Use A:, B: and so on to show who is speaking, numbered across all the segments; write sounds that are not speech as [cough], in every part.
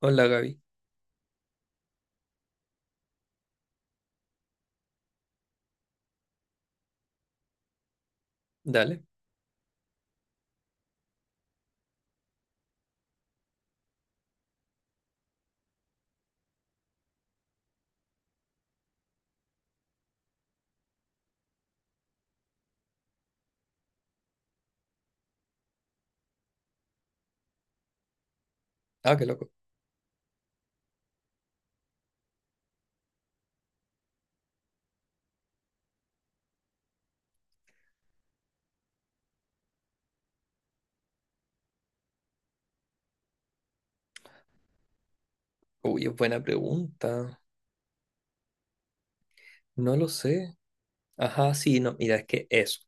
A: Hola Gaby, dale. Ah, qué loco. Uy, es buena pregunta. No lo sé. Ajá, sí, no, mira, es que eso.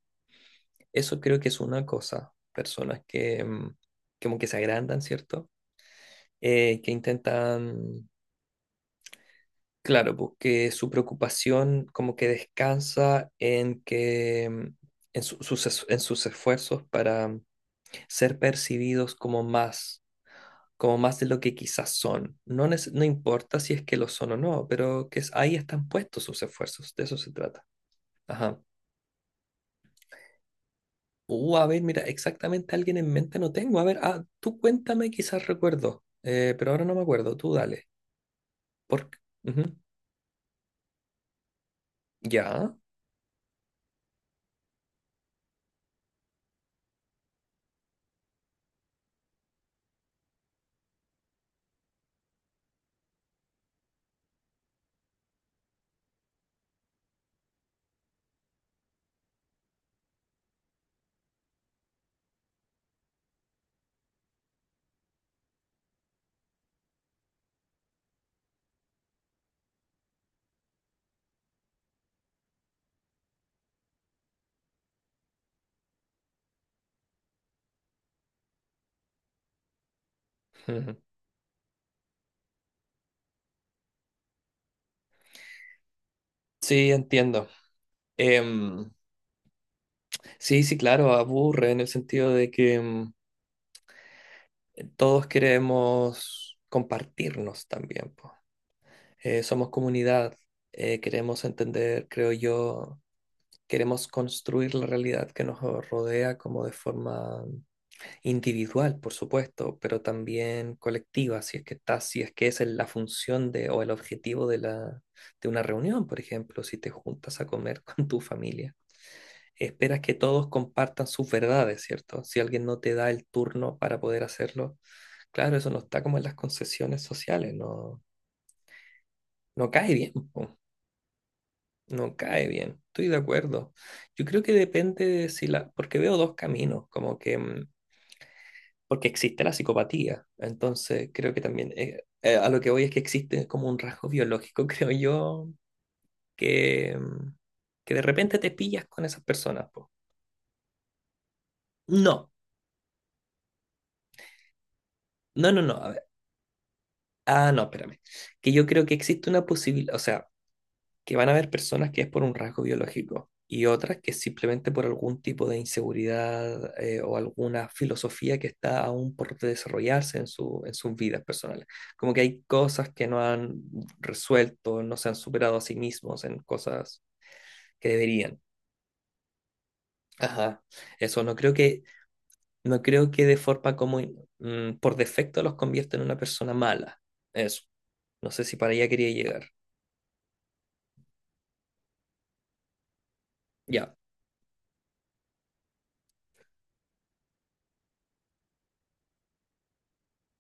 A: Eso creo que es una cosa. Personas que como que se agrandan, ¿cierto? Que intentan, claro, porque su preocupación como que descansa en que en sus esfuerzos para ser percibidos como más. Como más de lo que quizás son. No, no importa si es que lo son o no, pero ahí están puestos sus esfuerzos, de eso se trata. Ajá. A ver, mira, exactamente alguien en mente no tengo. A ver, ah, tú cuéntame, quizás recuerdo. Pero ahora no me acuerdo, tú dale. Por... Ujú. Ya. Ujú. Sí, entiendo. Em, sí, sí, claro, aburre en el sentido de que todos queremos compartirnos también, po. Somos comunidad, queremos entender, creo yo, queremos construir la realidad que nos rodea como de forma individual, por supuesto, pero también colectiva, si es que está, si es que es la función de, o el objetivo de la, de una reunión, por ejemplo, si te juntas a comer [laughs] con tu familia. Esperas que todos compartan sus verdades, ¿cierto? Si alguien no te da el turno para poder hacerlo, claro, eso no está como en las concesiones sociales, no, no cae bien. No cae bien, estoy de acuerdo. Yo creo que depende de si la, porque veo dos caminos, como que, porque existe la psicopatía, entonces creo que también, a lo que voy es que existe como un rasgo biológico, [laughs] creo yo, que, que de repente te pillas con esas personas, po. No, no, a ver, ah, no, espérame, que yo creo que existe una posibilidad, o sea, que van a haber personas que es por un rasgo biológico y otras que es simplemente por algún tipo de inseguridad, o alguna filosofía que está aún por desarrollarse en su, en sus vidas personales. Como que hay cosas que no han resuelto, no se han superado a sí mismos en cosas que deberían. Ajá, eso no creo que, no creo que de forma como por defecto los convierta en una persona mala. Eso. No sé si para allá quería llegar. Ya.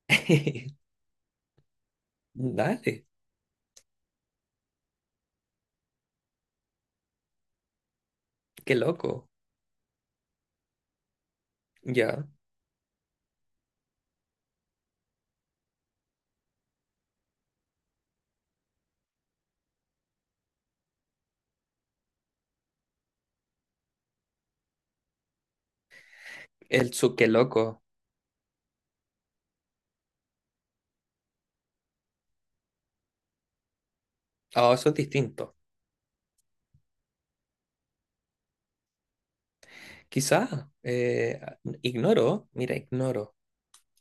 A: [laughs] Dale, qué loco. Ya. El Tsuke loco. Ah, eso es distinto. Quizá, ignoro, mira, ignoro.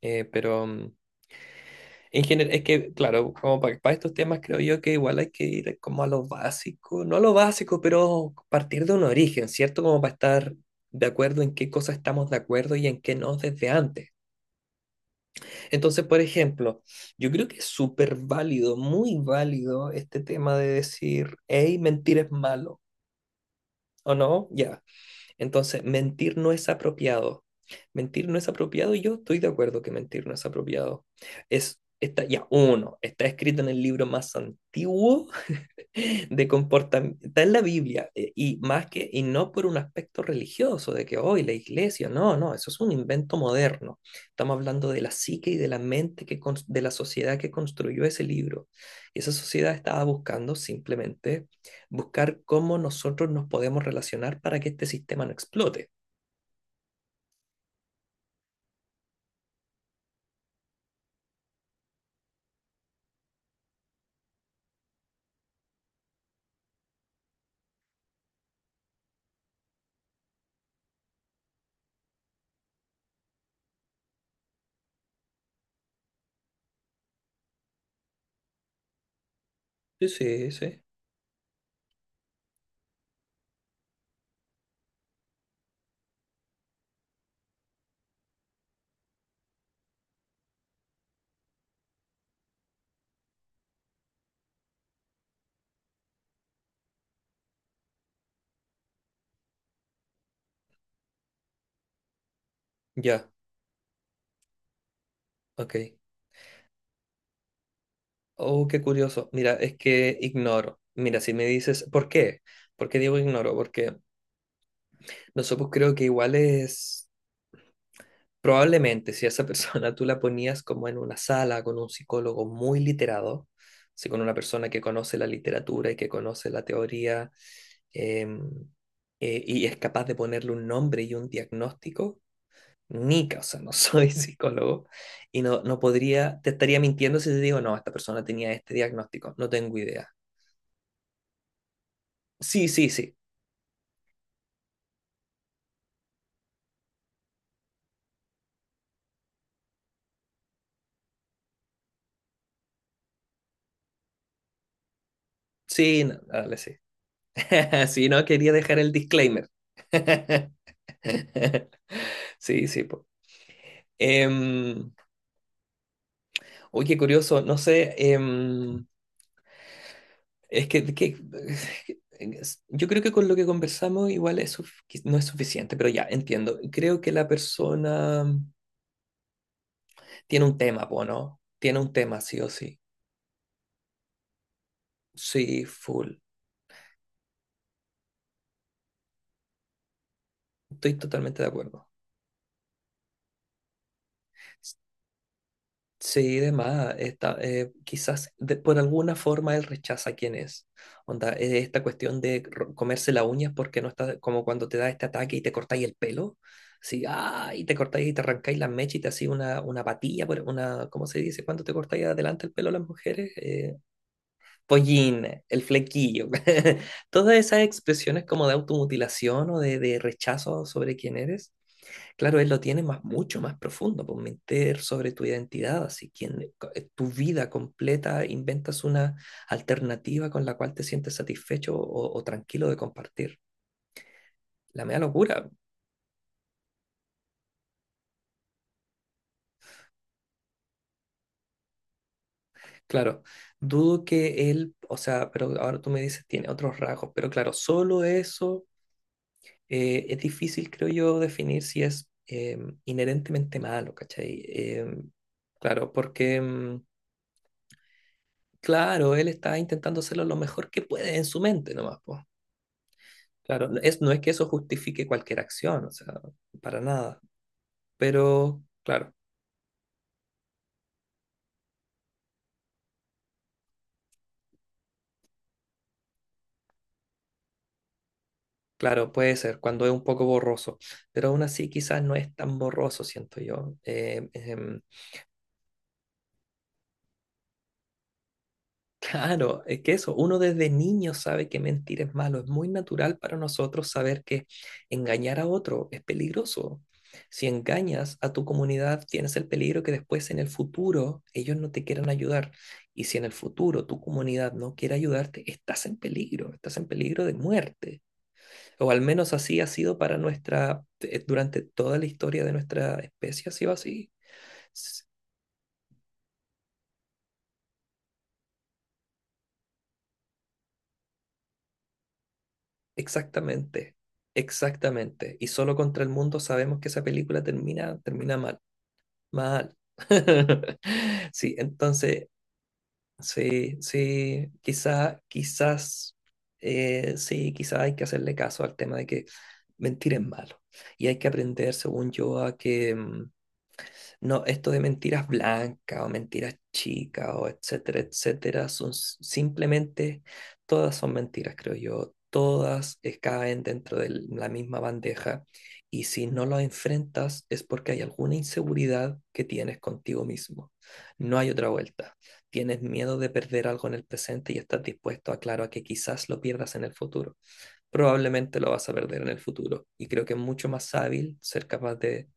A: Pero en general, es que, claro, como para, estos temas creo yo que igual hay que ir como a lo básico, no a lo básico, pero partir de un origen, ¿cierto? Como para estar de acuerdo en qué cosas estamos de acuerdo y en qué no desde antes. Entonces, por ejemplo, yo creo que es súper válido, muy válido este tema de decir, hey, mentir es malo, ¿o no? Ya. Entonces, mentir no es apropiado. Mentir no es apropiado y yo estoy de acuerdo que mentir no es apropiado. Es, está, ya, uno, está escrito en el libro más antiguo de comportamiento, está en la Biblia, y más que, y no por un aspecto religioso, de que hoy la iglesia, no, no, eso es un invento moderno. Estamos hablando de la psique y de la mente, de la sociedad que construyó ese libro. Y esa sociedad estaba buscando simplemente buscar cómo nosotros nos podemos relacionar para que este sistema no explote. Sí, sí, sí. Ya, ok. Oh, qué curioso. Mira, es que ignoro. Mira, si me dices, ¿por qué? ¿Por qué digo ignoro? Porque no sé, pues creo que igual es, probablemente si a esa persona [laughs] tú la ponías como en una sala con un psicólogo muy literado, así con una persona que conoce la literatura y que conoce la teoría, em, y es capaz de ponerle un nombre y un diagnóstico, ni, ca- o sea, no soy [laughs] psicólogo y no, no podría, te estaría mintiendo si te digo, no, esta persona tenía este diagnóstico, no tengo idea. Sí, sí, sí, sí, no, dale, sí. [laughs] Sí, no, quería dejar el disclaimer. [laughs] Sí, sí, po. Em, oye, qué curioso, no sé, es que- es- yo creo que con lo que conversamos igual que no es suficiente, pero ya, entiendo. Creo que la persona tiene un tema, po, ¿no? Tiene un tema, sí o sí. Sí, full. Estoy totalmente de acuerdo. Sí, de más, está, quizás por alguna forma él rechaza quién es. Onda, esta cuestión de comerse las uñas porque no está como cuando te da este ataque y te cortáis el pelo. Sí, ah, y te cortáis y te arrancáis las mechas y te hacía una patilla, una, ¿cómo se dice? Cuando te cortáis adelante el pelo a las mujeres, pollín, el flequillo. [laughs] Todas esas expresiones como de automutilación o de rechazo sobre quién eres. Claro, él lo tiene más, mucho más profundo, por meter sobre tu identidad, así quien, tu vida completa, inventas una alternativa con la cual te sientes satisfecho o tranquilo de compartir. La media locura, claro, dudo que él, o sea, pero ahora tú me dices, tiene otros rasgos, pero claro, solo eso, es difícil, creo yo, definir si es, inherentemente malo, ¿cachai? Claro, porque, claro, él está intentando hacerlo lo mejor que puede en su mente nomás, pues. Claro, es, no es que eso justifique cualquier acción, o sea, para nada, pero claro, claro, puede ser cuando es un poco borroso, pero aún así quizás no es tan borroso, siento yo. Claro, es que eso, uno desde niño sabe que mentir es malo, es muy natural para nosotros saber que engañar a otro es peligroso. Si engañas a tu comunidad, tienes el peligro que después en el futuro ellos no te quieran ayudar. Y si en el futuro tu comunidad no quiere ayudarte, estás en peligro de muerte. O al menos así ha sido para nuestra, durante toda la historia de nuestra especie, ha sido así. Exactamente, exactamente. Y solo contra el mundo sabemos que esa película termina, termina mal, mal. [laughs] Sí, entonces, sí, sí, quizá, quizás, sí, quizá hay que hacerle caso al tema de que mentir es malo. Y hay que aprender, según yo, a que, no, esto de mentiras blancas o mentiras chicas o etcétera, etcétera, simplemente, todas son mentiras, creo yo. Todas caen dentro de la misma bandeja y si no lo enfrentas es porque hay alguna inseguridad que tienes contigo mismo. No hay otra vuelta. Tienes miedo de perder algo en el presente y estás dispuesto a, claro, a que quizás lo pierdas en el futuro. Probablemente lo vas a perder en el futuro y creo que es mucho más hábil ser capaz de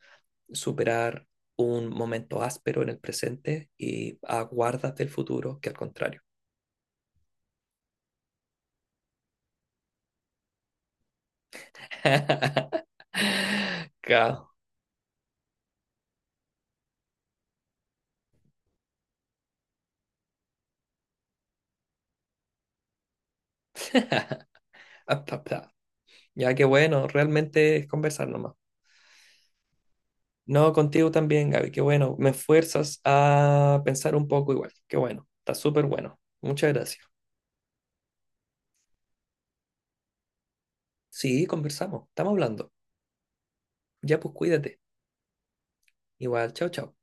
A: superar un momento áspero en el presente y aguardas del futuro que al contrario. [laughs] Ya, que bueno, realmente es conversar nomás. No, contigo también, Gaby, qué bueno. Me fuerzas a pensar un poco igual. Qué bueno, está súper bueno. Muchas gracias. Sí, conversamos, estamos hablando. Ya pues cuídate. Igual, chao, chao.